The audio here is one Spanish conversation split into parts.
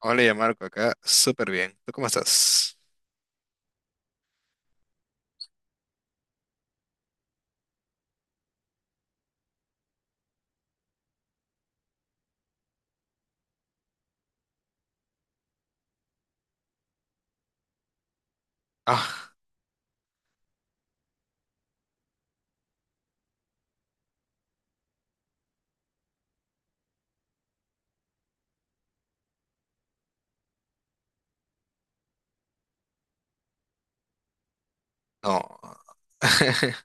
Hola, ya Marco, acá súper bien. ¿Tú cómo estás? Ah, no.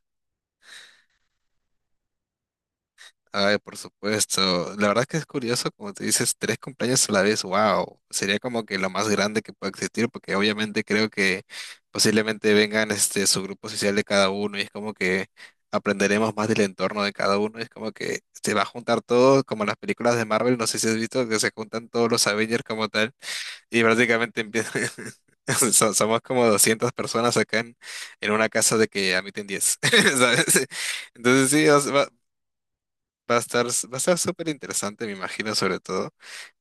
Ay, por supuesto. La verdad es que es curioso, como te dices, tres cumpleaños a la vez, wow. Sería como que lo más grande que pueda existir, porque obviamente creo que posiblemente vengan este su grupo social de cada uno y es como que aprenderemos más del entorno de cada uno. Es como que se va a juntar todo, como en las películas de Marvel, no sé si has visto que se juntan todos los Avengers como tal. Y prácticamente empieza, somos como 200 personas acá en una casa de que admiten 10. ¿Sabes? Entonces sí, o sea, va, va a estar, va a estar súper interesante, me imagino, sobre todo.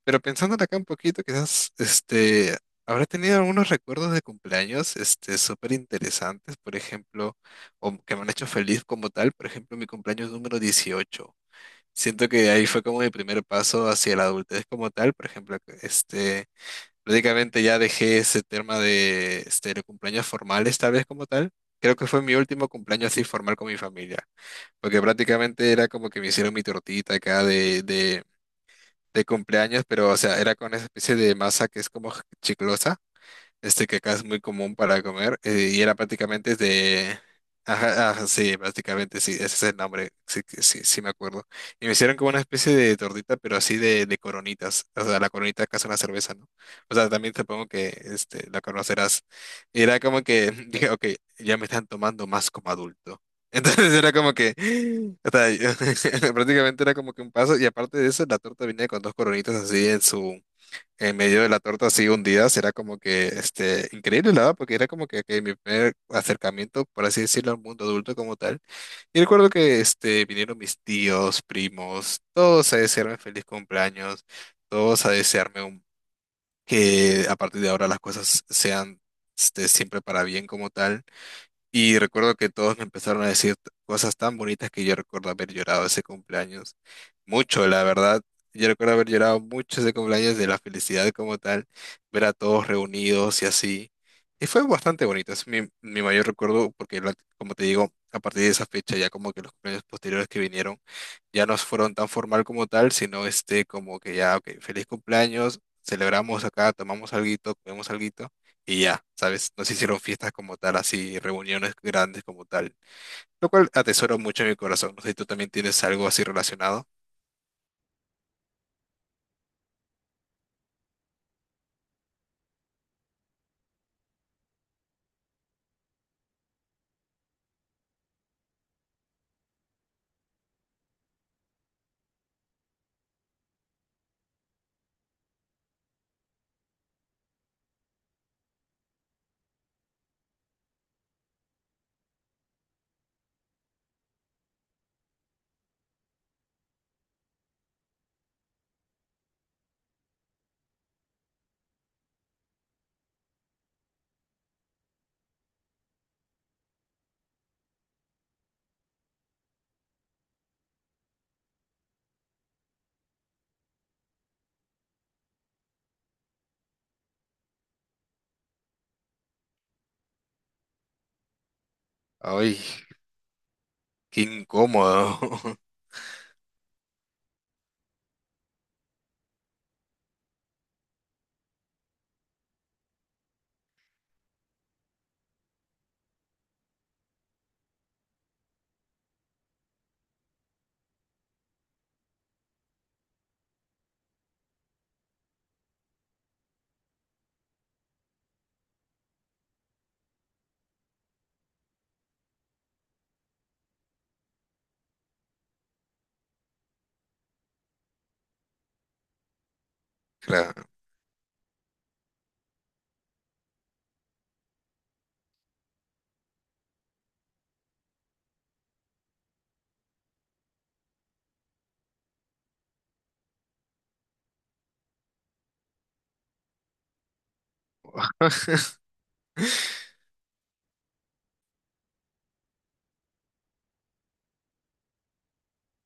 Pero pensando acá un poquito, quizás, este, habrá tenido algunos recuerdos de cumpleaños, este, súper interesantes, por ejemplo, o que me han hecho feliz como tal. Por ejemplo, mi cumpleaños número 18. Siento que ahí fue como mi primer paso hacia la adultez como tal. Por ejemplo, este... prácticamente ya dejé ese tema de este, de cumpleaños formales, tal vez como tal. Creo que fue mi último cumpleaños así formal con mi familia, porque prácticamente era como que me hicieron mi tortita acá de cumpleaños, pero o sea, era con esa especie de masa que es como chiclosa, este, que acá es muy común para comer, y era prácticamente de... Ajá, ajá, sí, prácticamente sí, ese es el nombre, sí, sí, sí, me acuerdo. Y me hicieron como una especie de tortita, pero así de coronitas, o sea, la coronita acá es una cerveza, ¿no? O sea, también supongo que este, la conocerás. Y era como que dije, ok, ya me están tomando más como adulto. Entonces era como que, o sea, prácticamente era como que un paso, y aparte de eso, la torta venía con dos coronitas así en su en medio de la torta, así hundidas. Era como que este, increíble, la verdad, porque era como que mi primer acercamiento, por así decirlo, al mundo adulto como tal. Y recuerdo que este, vinieron mis tíos, primos, todos a desearme feliz cumpleaños, todos a desearme que a partir de ahora las cosas sean este, siempre para bien como tal. Y recuerdo que todos me empezaron a decir cosas tan bonitas que yo recuerdo haber llorado ese cumpleaños. Mucho, la verdad. Yo recuerdo haber llorado mucho ese cumpleaños, de la felicidad como tal, ver a todos reunidos y así. Y fue bastante bonito, es mi, mi mayor recuerdo porque, como te digo, a partir de esa fecha ya como que los cumpleaños posteriores que vinieron ya no fueron tan formal como tal, sino este como que ya, ok, feliz cumpleaños, celebramos acá, tomamos alguito, comemos algo y ya, ¿sabes? No se hicieron fiestas como tal, así, reuniones grandes como tal, lo cual atesoro mucho en mi corazón. No sé si tú también tienes algo así relacionado. Ay, qué incómodo. Claro.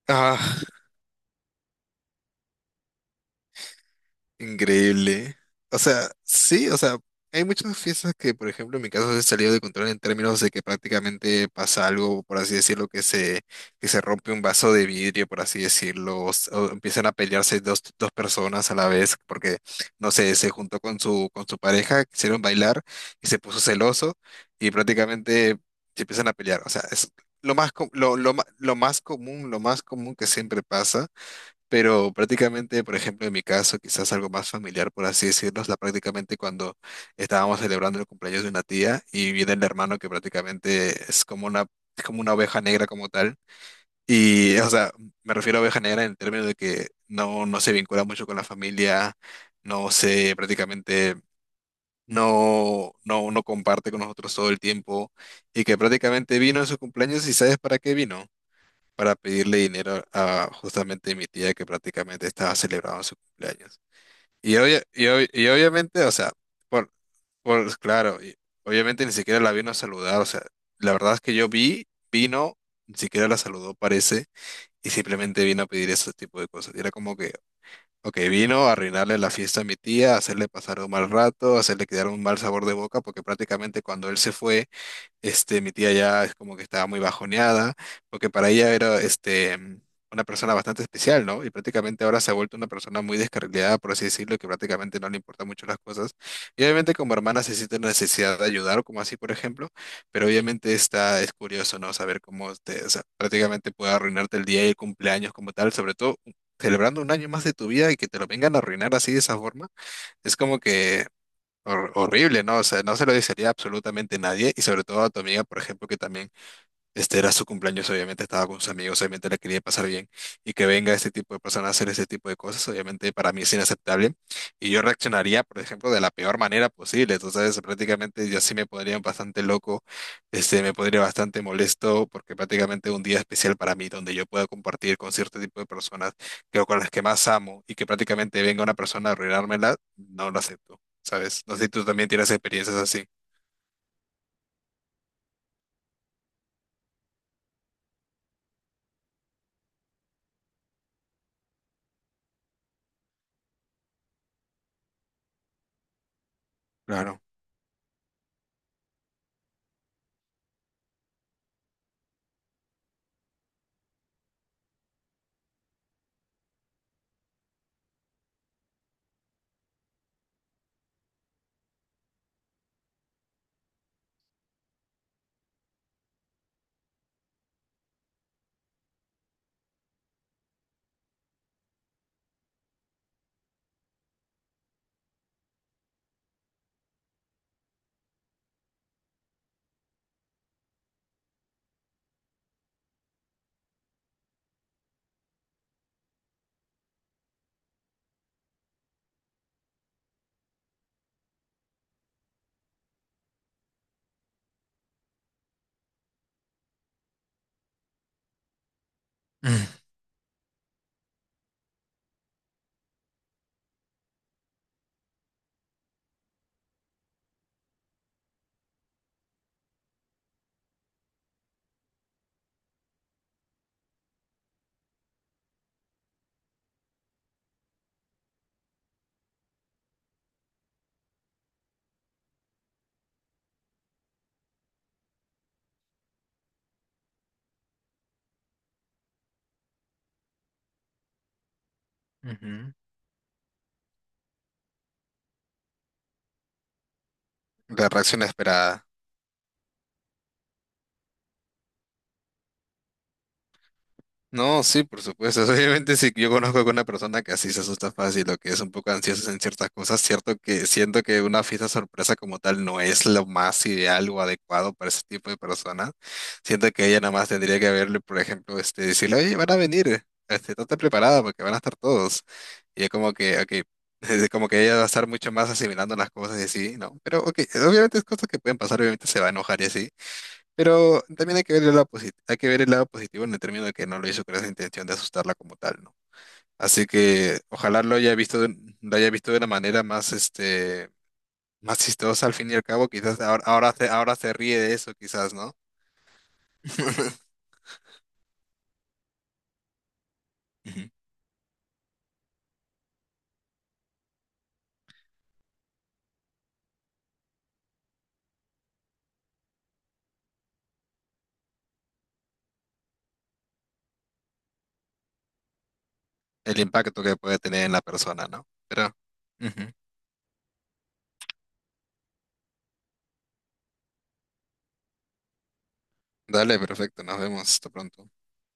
Ah. Increíble. O sea, sí, o sea, hay muchas fiestas que, por ejemplo, en mi caso se han salido de control en términos de que prácticamente pasa algo, por así decirlo, que se rompe un vaso de vidrio, por así decirlo, o, o empiezan a pelearse dos personas a la vez porque, no sé, se juntó con su pareja, quisieron bailar y se puso celoso y prácticamente se empiezan a pelear. O sea, es lo más común que siempre pasa. Pero prácticamente, por ejemplo, en mi caso, quizás algo más familiar, por así decirlo, es la prácticamente cuando estábamos celebrando el cumpleaños de una tía y viene el hermano que prácticamente es como es como una oveja negra como tal. Y, o sea, me refiero a oveja negra en el término de que no se vincula mucho con la familia, no se prácticamente, no, no, no comparte con nosotros todo el tiempo y que prácticamente vino en su cumpleaños y ¿sabes para qué vino? Para pedirle dinero a justamente mi tía, que prácticamente estaba celebrando su cumpleaños. Y obviamente, o sea, por, por claro, y obviamente ni siquiera la vino a saludar, o sea, la verdad es que yo vino, ni siquiera la saludó, parece, y simplemente vino a pedir ese tipo de cosas. Y era como que, ok, vino a arruinarle la fiesta a mi tía, a hacerle pasar un mal rato, a hacerle quedar un mal sabor de boca, porque prácticamente cuando él se fue, este, mi tía ya es como que estaba muy bajoneada, porque para ella era este, una persona bastante especial, ¿no? Y prácticamente ahora se ha vuelto una persona muy descarrilada, por así decirlo, que prácticamente no le importan mucho las cosas. Y obviamente como hermana se siente la necesidad de ayudar, como así, por ejemplo, pero obviamente está, es curioso, ¿no? Saber cómo te, o sea, prácticamente puede arruinarte el día y el cumpleaños como tal, sobre todo celebrando un año más de tu vida y que te lo vengan a arruinar así de esa forma. Es como que horrible, ¿no? O sea, no se lo desearía a absolutamente nadie y sobre todo a tu amiga, por ejemplo, que también este era su cumpleaños, obviamente estaba con sus amigos, obviamente la quería pasar bien. Y que venga este tipo de personas a hacer ese tipo de cosas, obviamente para mí es inaceptable. Y yo reaccionaría, por ejemplo, de la peor manera posible. Entonces, prácticamente yo sí me pondría bastante loco, este, me pondría bastante molesto, porque prácticamente un día especial para mí, donde yo pueda compartir con cierto tipo de personas que, con las que más amo, y que prácticamente venga una persona a arruinármela, no lo acepto, ¿sabes? No sé si tú también tienes experiencias así. Claro. Mm. Ujú. La reacción esperada. No, sí, por supuesto. Obviamente, si yo conozco a una persona que así se asusta fácil o que es un poco ansiosa en ciertas cosas, cierto que siento que una fiesta sorpresa como tal no es lo más ideal o adecuado para ese tipo de personas. Siento que ella nada más tendría que verle, por ejemplo, este, decirle, oye, van a venir, este, estate preparada porque van a estar todos. Y es como que, ok, es como que ella va a estar mucho más asimilando las cosas y así, ¿no? Pero, ok, obviamente es cosas que pueden pasar, obviamente se va a enojar y así. Pero también hay que ver el lado positivo, hay que ver el lado positivo en el término de que no lo hizo con esa intención de asustarla como tal, ¿no? Así que ojalá lo haya visto lo haya visto de una manera más este, más chistosa al fin y al cabo. Quizás ahora se ríe de eso, quizás, ¿no? Ujú. El impacto que puede tener en la persona, ¿no? Pero ujú. Dale, perfecto, nos vemos, hasta pronto.